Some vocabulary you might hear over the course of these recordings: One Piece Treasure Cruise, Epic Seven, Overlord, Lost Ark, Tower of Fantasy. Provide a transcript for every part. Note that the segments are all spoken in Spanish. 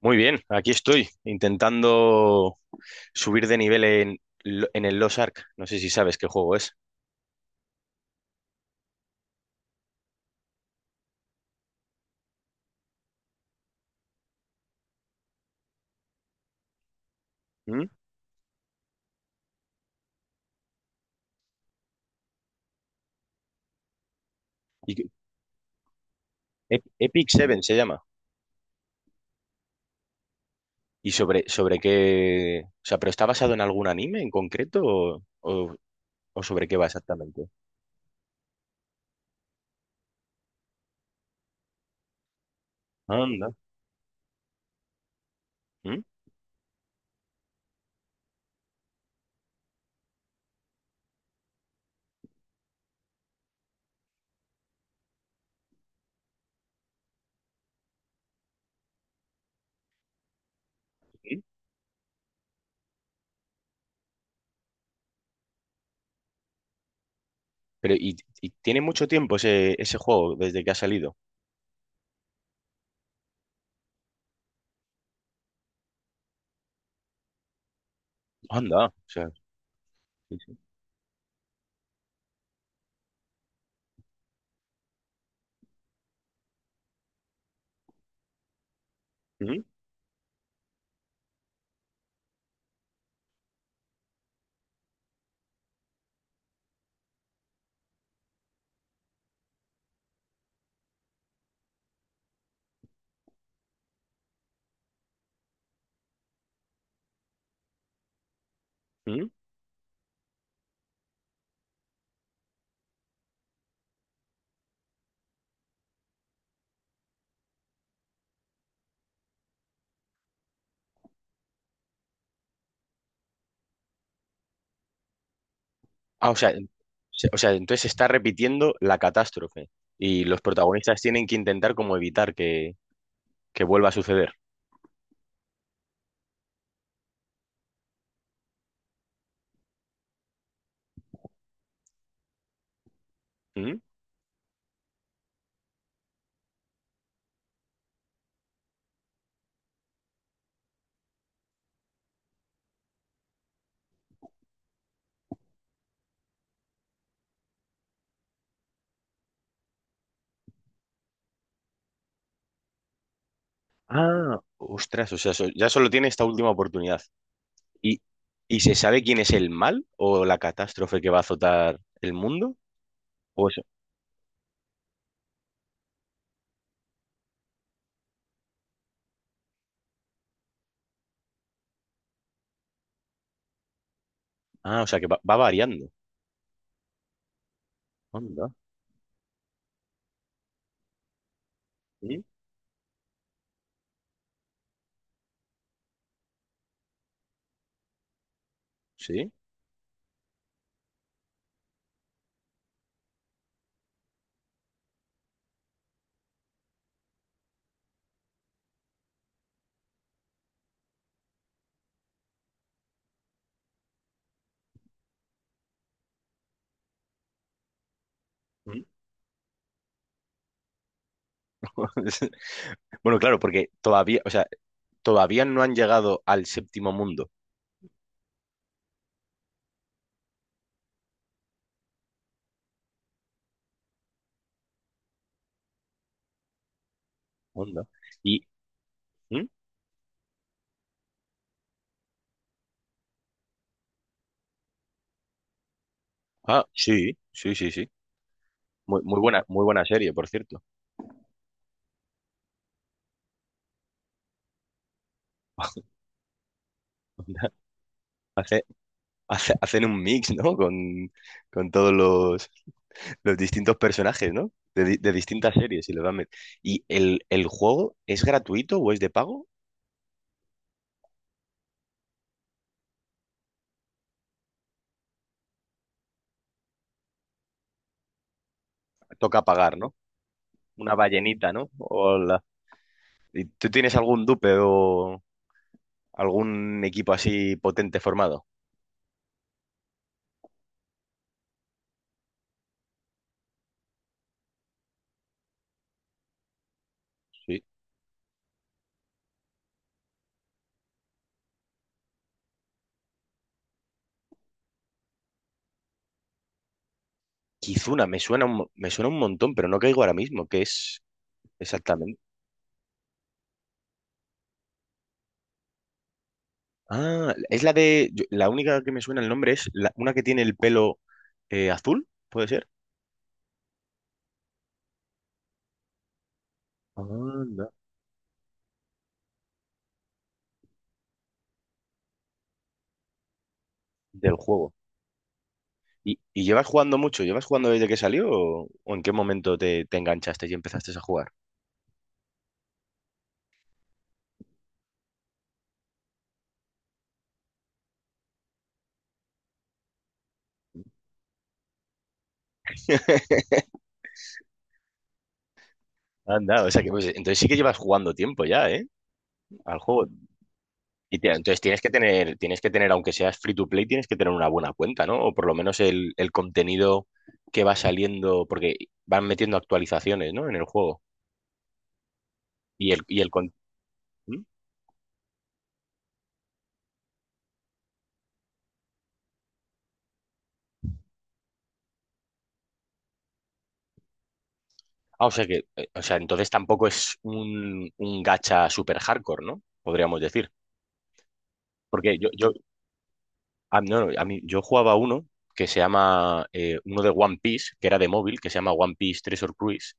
Muy bien, aquí estoy intentando subir de nivel en, en el Lost Ark. No sé si sabes qué juego es. ¿Mm? Y que- Epic Seven se llama. ¿Y sobre qué? O sea, ¿pero está basado en algún anime en concreto o sobre qué va exactamente? Anda. ¿Mm? ¿Sí? Pero, y, y tiene mucho tiempo ese juego desde que ha salido. Anda. O sea, sí, sí. ¿Mm? ¿Mm? Ah, o sea, o sea, entonces se está repitiendo la catástrofe y los protagonistas tienen que intentar como evitar que vuelva a suceder. ¿Mm? Ah, ostras, o sea, ya solo tiene esta última oportunidad. ¿Y, y se sabe quién es el mal o la catástrofe que va a azotar el mundo? ¿O eso? Ah, o sea, que va variando. Onda. ¿Mm? ¿Sí? ¿Mm? Bueno, claro, porque todavía, o sea, todavía no han llegado al séptimo mundo. Onda. Y, ¿Mm? Ah, sí, sí, sí, sí. Muy, muy buena serie, por cierto. Onda. Hace- hacen un mix, ¿no? Con todos los distintos personajes, ¿no? De distintas series y los van ¿Y el juego es gratuito o es de pago? Toca pagar, ¿no? Una ballenita, ¿no? Hola. ¿Y tú tienes algún dupe o algún equipo así potente formado? Sí. Kizuna, me suena un, me suena un montón, pero no caigo ahora mismo. ¿Qué es exactamente? Ah, es la de... la única que me suena el nombre es una que tiene el pelo azul, ¿puede ser? Anda. Del juego. ¿ y llevas jugando mucho? ¿Llevas jugando desde que salió o en qué momento te enganchaste y empezaste a jugar? Anda, o sea que pues, entonces sí que llevas jugando tiempo ya, ¿eh? Al juego. Y entonces tienes que tener, aunque seas free to play, tienes que tener una buena cuenta, ¿no? O por lo menos el contenido que va saliendo, porque van metiendo actualizaciones, ¿no? En el juego. Y ¿Mm? Ah, o sea que, o sea, entonces tampoco es un gacha super hardcore, ¿no? Podríamos decir. Porque no, no, a mí, yo jugaba uno que se llama, uno de One Piece, que era de móvil, que se llama One Piece Treasure Cruise,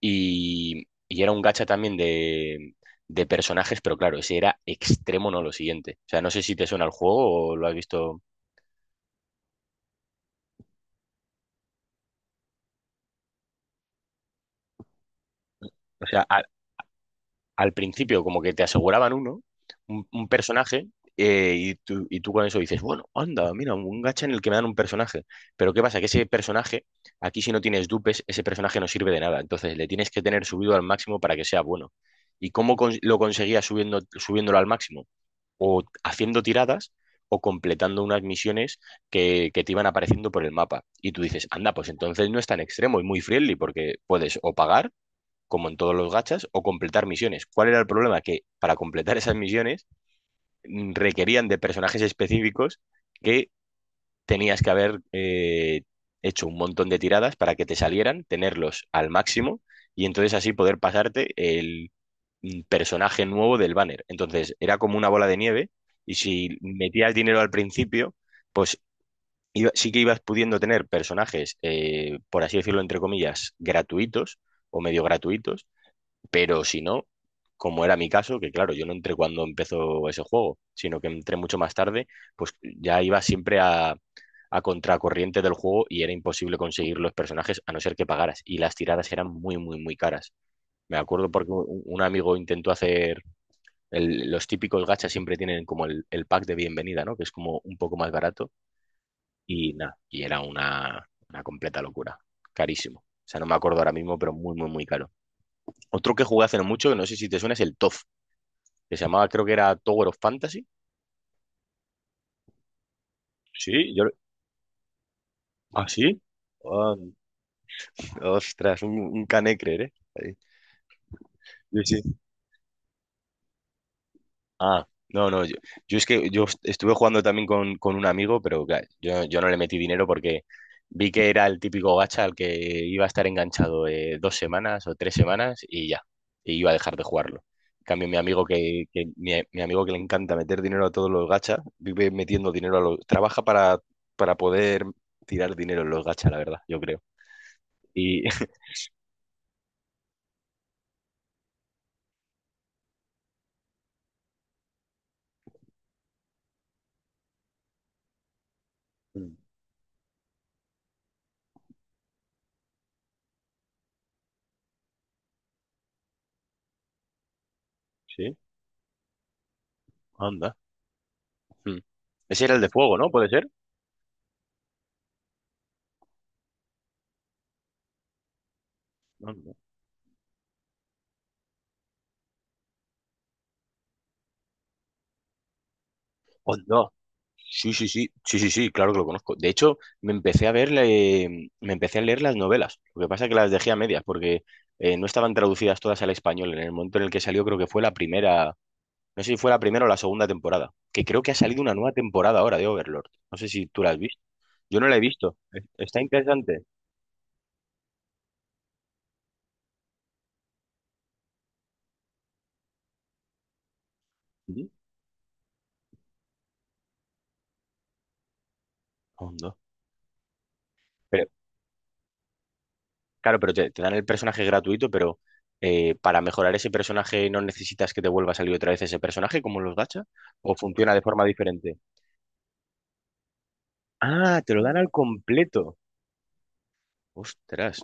y era un gacha también de personajes, pero claro, ese era extremo, no lo siguiente. O sea, no sé si te suena el juego o lo has visto. O sea, al principio como que te aseguraban uno, un personaje, y tú con eso dices, bueno, anda, mira, un gacha en el que me dan un personaje. Pero ¿qué pasa? Que ese personaje, aquí si no tienes dupes, ese personaje no sirve de nada. Entonces le tienes que tener subido al máximo para que sea bueno. ¿Y cómo lo conseguías subiéndolo al máximo? O haciendo tiradas o completando unas misiones que te iban apareciendo por el mapa. Y tú dices, anda, pues entonces no es tan extremo y muy friendly porque puedes o pagar como en todos los gachas, o completar misiones. ¿Cuál era el problema? Que para completar esas misiones requerían de personajes específicos que tenías que haber hecho un montón de tiradas para que te salieran, tenerlos al máximo y entonces así poder pasarte el personaje nuevo del banner. Entonces era como una bola de nieve y si metías dinero al principio, pues sí que ibas pudiendo tener personajes, por así decirlo, entre comillas, gratuitos o medio gratuitos pero si no, como era mi caso, que claro, yo no entré cuando empezó ese juego, sino que entré mucho más tarde, pues ya iba siempre a contracorriente del juego y era imposible conseguir los personajes a no ser que pagaras. Y las tiradas eran muy, muy, muy caras. Me acuerdo porque un amigo intentó hacer los típicos gachas siempre tienen como el pack de bienvenida, ¿no? Que es como un poco más barato y nada, y era una completa locura, carísimo. O sea, no me acuerdo ahora mismo, pero muy, muy, muy caro. Otro que jugué hace no mucho, que no sé si te suena, es el TOF que se llamaba, creo que era Tower of Fantasy. Sí, yo... ¿Ah, sí? Ah, ostras, un canecre, ¿eh? Ahí. Sí, sí. Ah, no, no, yo es que yo estuve jugando también con un amigo, pero claro, yo no le metí dinero porque vi que era el típico gacha al que iba a estar enganchado dos semanas o tres semanas y ya, y iba a dejar de jugarlo. En cambio, mi amigo mi amigo que le encanta meter dinero a todos los gachas, vive metiendo dinero a los, trabaja para poder tirar dinero en los gachas, la verdad, yo creo. Y sí, anda. Mm. Ese era el de fuego, ¿no? ¿Puede ser? Anda. Onda. Sí, sí, sí, sí, sí, sí, claro que lo conozco. De hecho, me empecé a ver, me empecé a leer las novelas. Lo que pasa es que las dejé a medias porque no estaban traducidas todas al español. En el momento en el que salió, creo que fue la primera, no sé si fue la primera o la segunda temporada, que creo que ha salido una nueva temporada ahora de Overlord. No sé si tú la has visto. Yo no la he visto. Está interesante. Ujú. Hondo. Pero, claro, pero te dan el personaje gratuito, pero para mejorar ese personaje no necesitas que te vuelva a salir otra vez ese personaje como en los gacha, o funciona de forma diferente. Ah, te lo dan al completo. Ostras,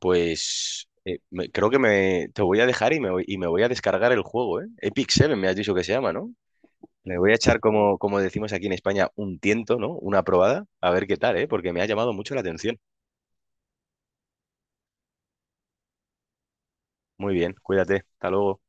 pues creo que te voy a dejar y y me voy a descargar el juego, ¿eh? Epic Seven me has dicho que se llama, ¿no? Le voy a echar, como, como decimos aquí en España, un tiento, ¿no? Una probada, a ver qué tal, ¿eh? Porque me ha llamado mucho la atención. Muy bien, cuídate, hasta luego.